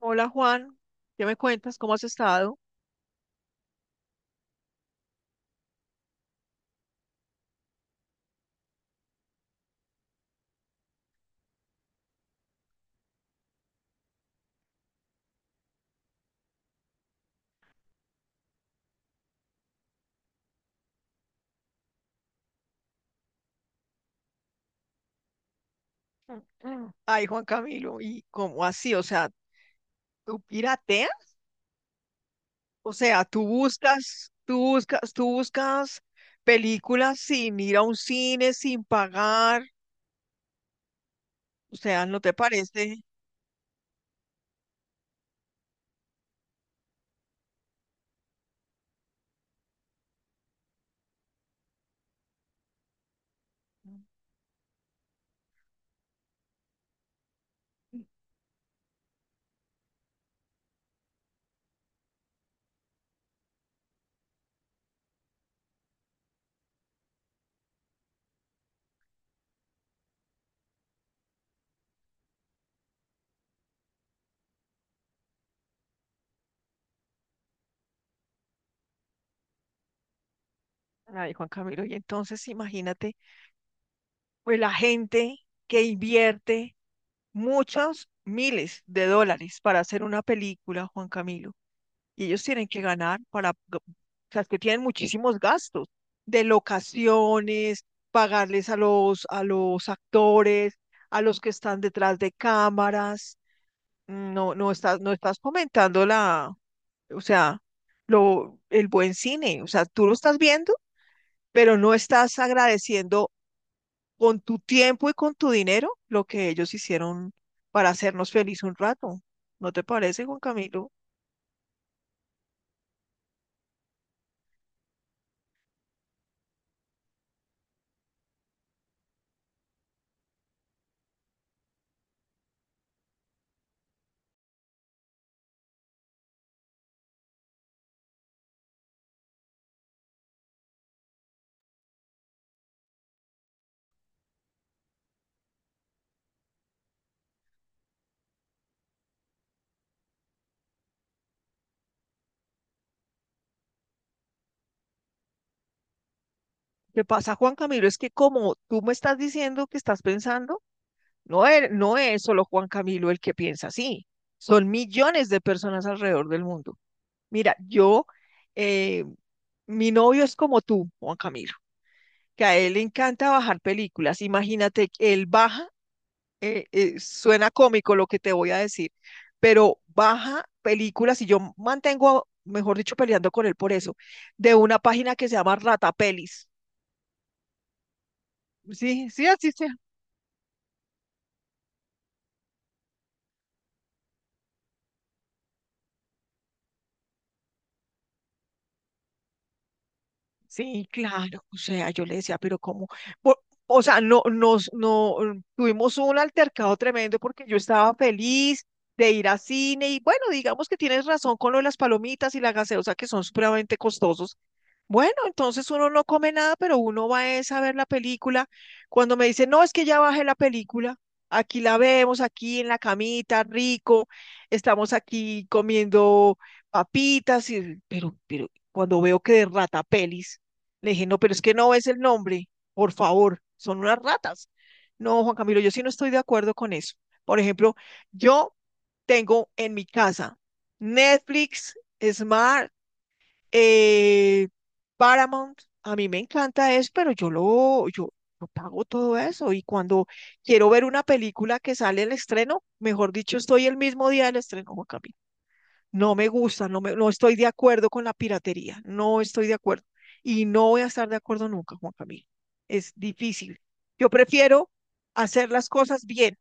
Hola Juan, ¿qué me cuentas? ¿Cómo has estado? Mm. Ay, Juan Camilo, ¿y cómo así? O sea, ¿tú pirateas? O sea, tú buscas películas sin ir a un cine, sin pagar. O sea, ¿no te parece? Ay, Juan Camilo, y entonces imagínate, pues la gente que invierte muchos miles de dólares para hacer una película, Juan Camilo, y ellos tienen que ganar para, o sea, es que tienen muchísimos gastos de locaciones, pagarles a los actores, a los que están detrás de cámaras. No, no estás comentando la, o sea, lo, el buen cine, o sea, tú lo estás viendo, pero no estás agradeciendo con tu tiempo y con tu dinero lo que ellos hicieron para hacernos feliz un rato. ¿No te parece, Juan Camilo? ¿Qué pasa, Juan Camilo? Es que como tú me estás diciendo que estás pensando, no es solo Juan Camilo el que piensa así, son millones de personas alrededor del mundo. Mira, yo, eh, mi novio es como tú, Juan Camilo, que a él le encanta bajar películas. Imagínate, él baja suena cómico lo que te voy a decir, pero baja películas y yo mantengo, mejor dicho, peleando con él por eso, de una página que se llama Ratapelis. Sí, sí, así se. Sí, claro, o sea, yo le decía, pero ¿cómo? Por- o sea, no, nos, no, mm, tuvimos un altercado tremendo porque yo estaba feliz de ir a cine y bueno, digamos que tienes razón con lo de las palomitas y la gaseosa que son supremamente costosos. Bueno, entonces uno no come nada, pero uno va es a ver la película. Cuando me dice, no, es que ya bajé la película, aquí la vemos, aquí en la camita, rico, estamos aquí comiendo papitas, y, pero cuando veo que de ratapelis le dije, no, pero es que no es el nombre, por favor, son unas ratas. No, Juan Camilo, yo sí no estoy de acuerdo con eso. Por ejemplo, yo tengo en mi casa Netflix, Smart, eh, Paramount. A mí me encanta eso, pero yo pago todo eso. Y cuando quiero ver una película que sale el estreno, mejor dicho, estoy el mismo día del estreno, Juan Camilo. No me gusta, no estoy de acuerdo con la piratería, no estoy de acuerdo. Y no voy a estar de acuerdo nunca, Juan Camilo. Es difícil. Yo prefiero hacer las cosas bien,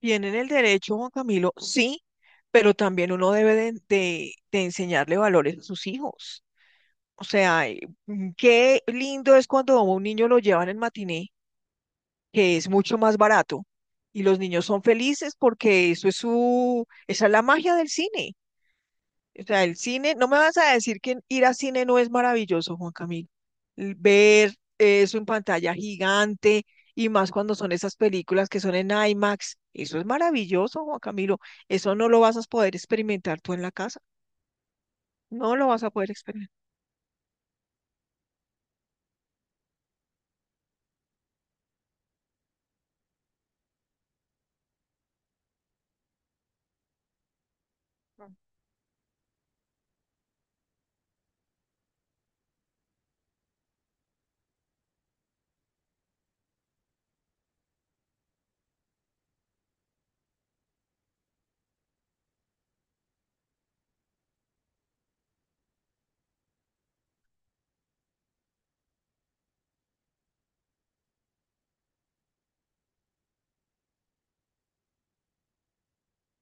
bien en el derecho, Juan Camilo, sí, pero también uno debe de enseñarle valores a sus hijos. O sea, qué lindo es cuando a un niño lo llevan en matiné, que es mucho más barato, y los niños son felices porque eso es su, esa es la magia del cine. O sea, el cine, no me vas a decir que ir al cine no es maravilloso, Juan Camilo. Ver eso en pantalla gigante y más cuando son esas películas que son en IMAX, eso es maravilloso, Juan Camilo. Eso no lo vas a poder experimentar tú en la casa. No lo vas a poder experimentar.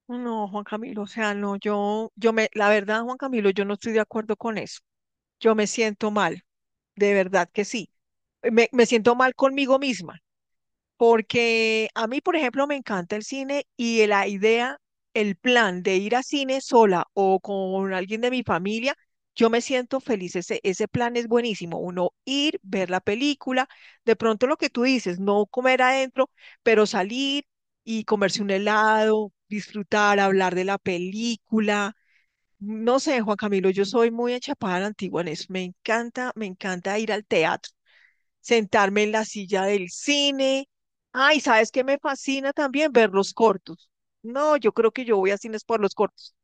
No, Juan Camilo, o sea, no, la verdad, Juan Camilo, yo no estoy de acuerdo con eso. Yo me siento mal, de verdad que sí. Me siento mal conmigo misma. Porque a mí, por ejemplo, me encanta el cine y la idea, el plan de ir a cine sola o con alguien de mi familia, yo me siento feliz. Ese plan es buenísimo. Uno ir, ver la película, de pronto lo que tú dices, no comer adentro, pero salir y comerse un helado, disfrutar, hablar de la película. No sé, Juan Camilo, yo soy muy enchapada a la antigua en eso. Me encanta ir al teatro, sentarme en la silla del cine. Ay, ¿sabes qué me fascina también? Ver los cortos. No, yo creo que yo voy a cines por los cortos.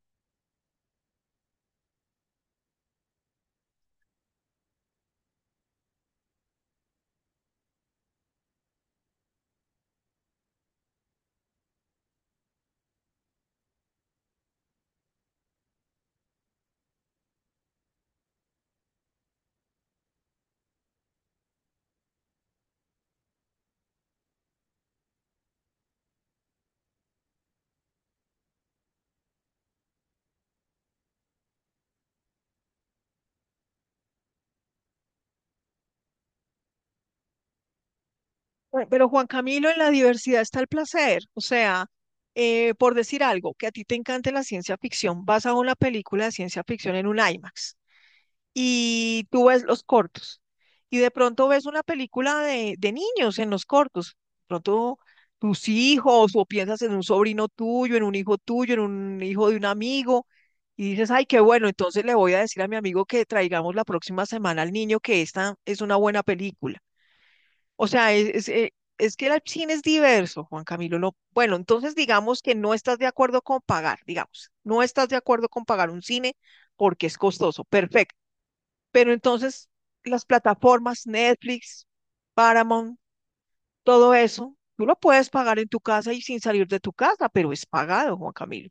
Bueno, pero Juan Camilo, en la diversidad está el placer. O sea, por decir algo, que a ti te encante la ciencia ficción, vas a una película de ciencia ficción en un IMAX, y tú ves los cortos y de pronto ves una película de niños en los cortos, de pronto tus hijos o piensas en un sobrino tuyo, en un hijo tuyo, en un hijo de un amigo y dices, ay, qué bueno, entonces le voy a decir a mi amigo que traigamos la próxima semana al niño que esta es una buena película. O sea, es que el cine es diverso, Juan Camilo. No, bueno, entonces digamos que no estás de acuerdo con pagar, digamos, no estás de acuerdo con pagar un cine porque es costoso. Perfecto. Pero entonces las plataformas, Netflix, Paramount, todo eso, tú lo puedes pagar en tu casa y sin salir de tu casa, pero es pagado, Juan Camilo.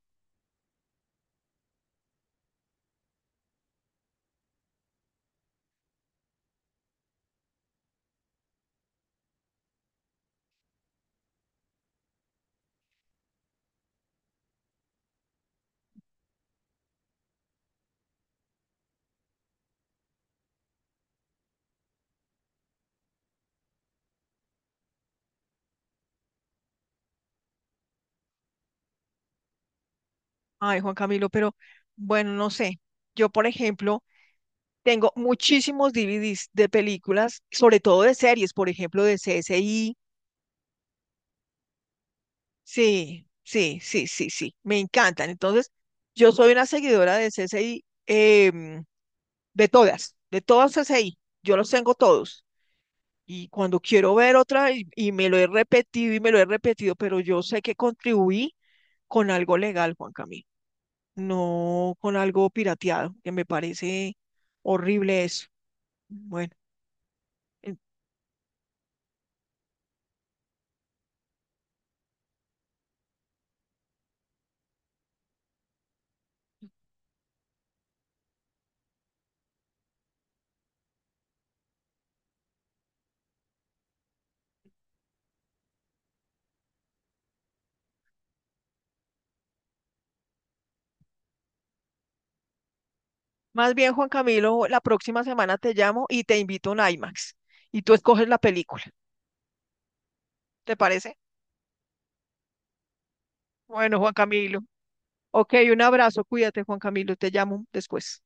Ay, Juan Camilo, pero bueno, no sé. Yo, por ejemplo, tengo muchísimos DVDs de películas, sobre todo de series, por ejemplo, de CSI. Sí, sí, sí, sí, sí, me encantan. Entonces, yo soy una seguidora de CSI, de todas CSI. Yo los tengo todos. Y cuando quiero ver otra, y, me lo he repetido y me lo he repetido, pero yo sé que contribuí con algo legal, Juan Camilo, no con algo pirateado, que me parece horrible eso. Bueno, en- más bien, Juan Camilo, la próxima semana te llamo y te invito a un IMAX y tú escoges la película. ¿Te parece? Bueno, Juan Camilo. Ok, un abrazo, cuídate, Juan Camilo, te llamo después.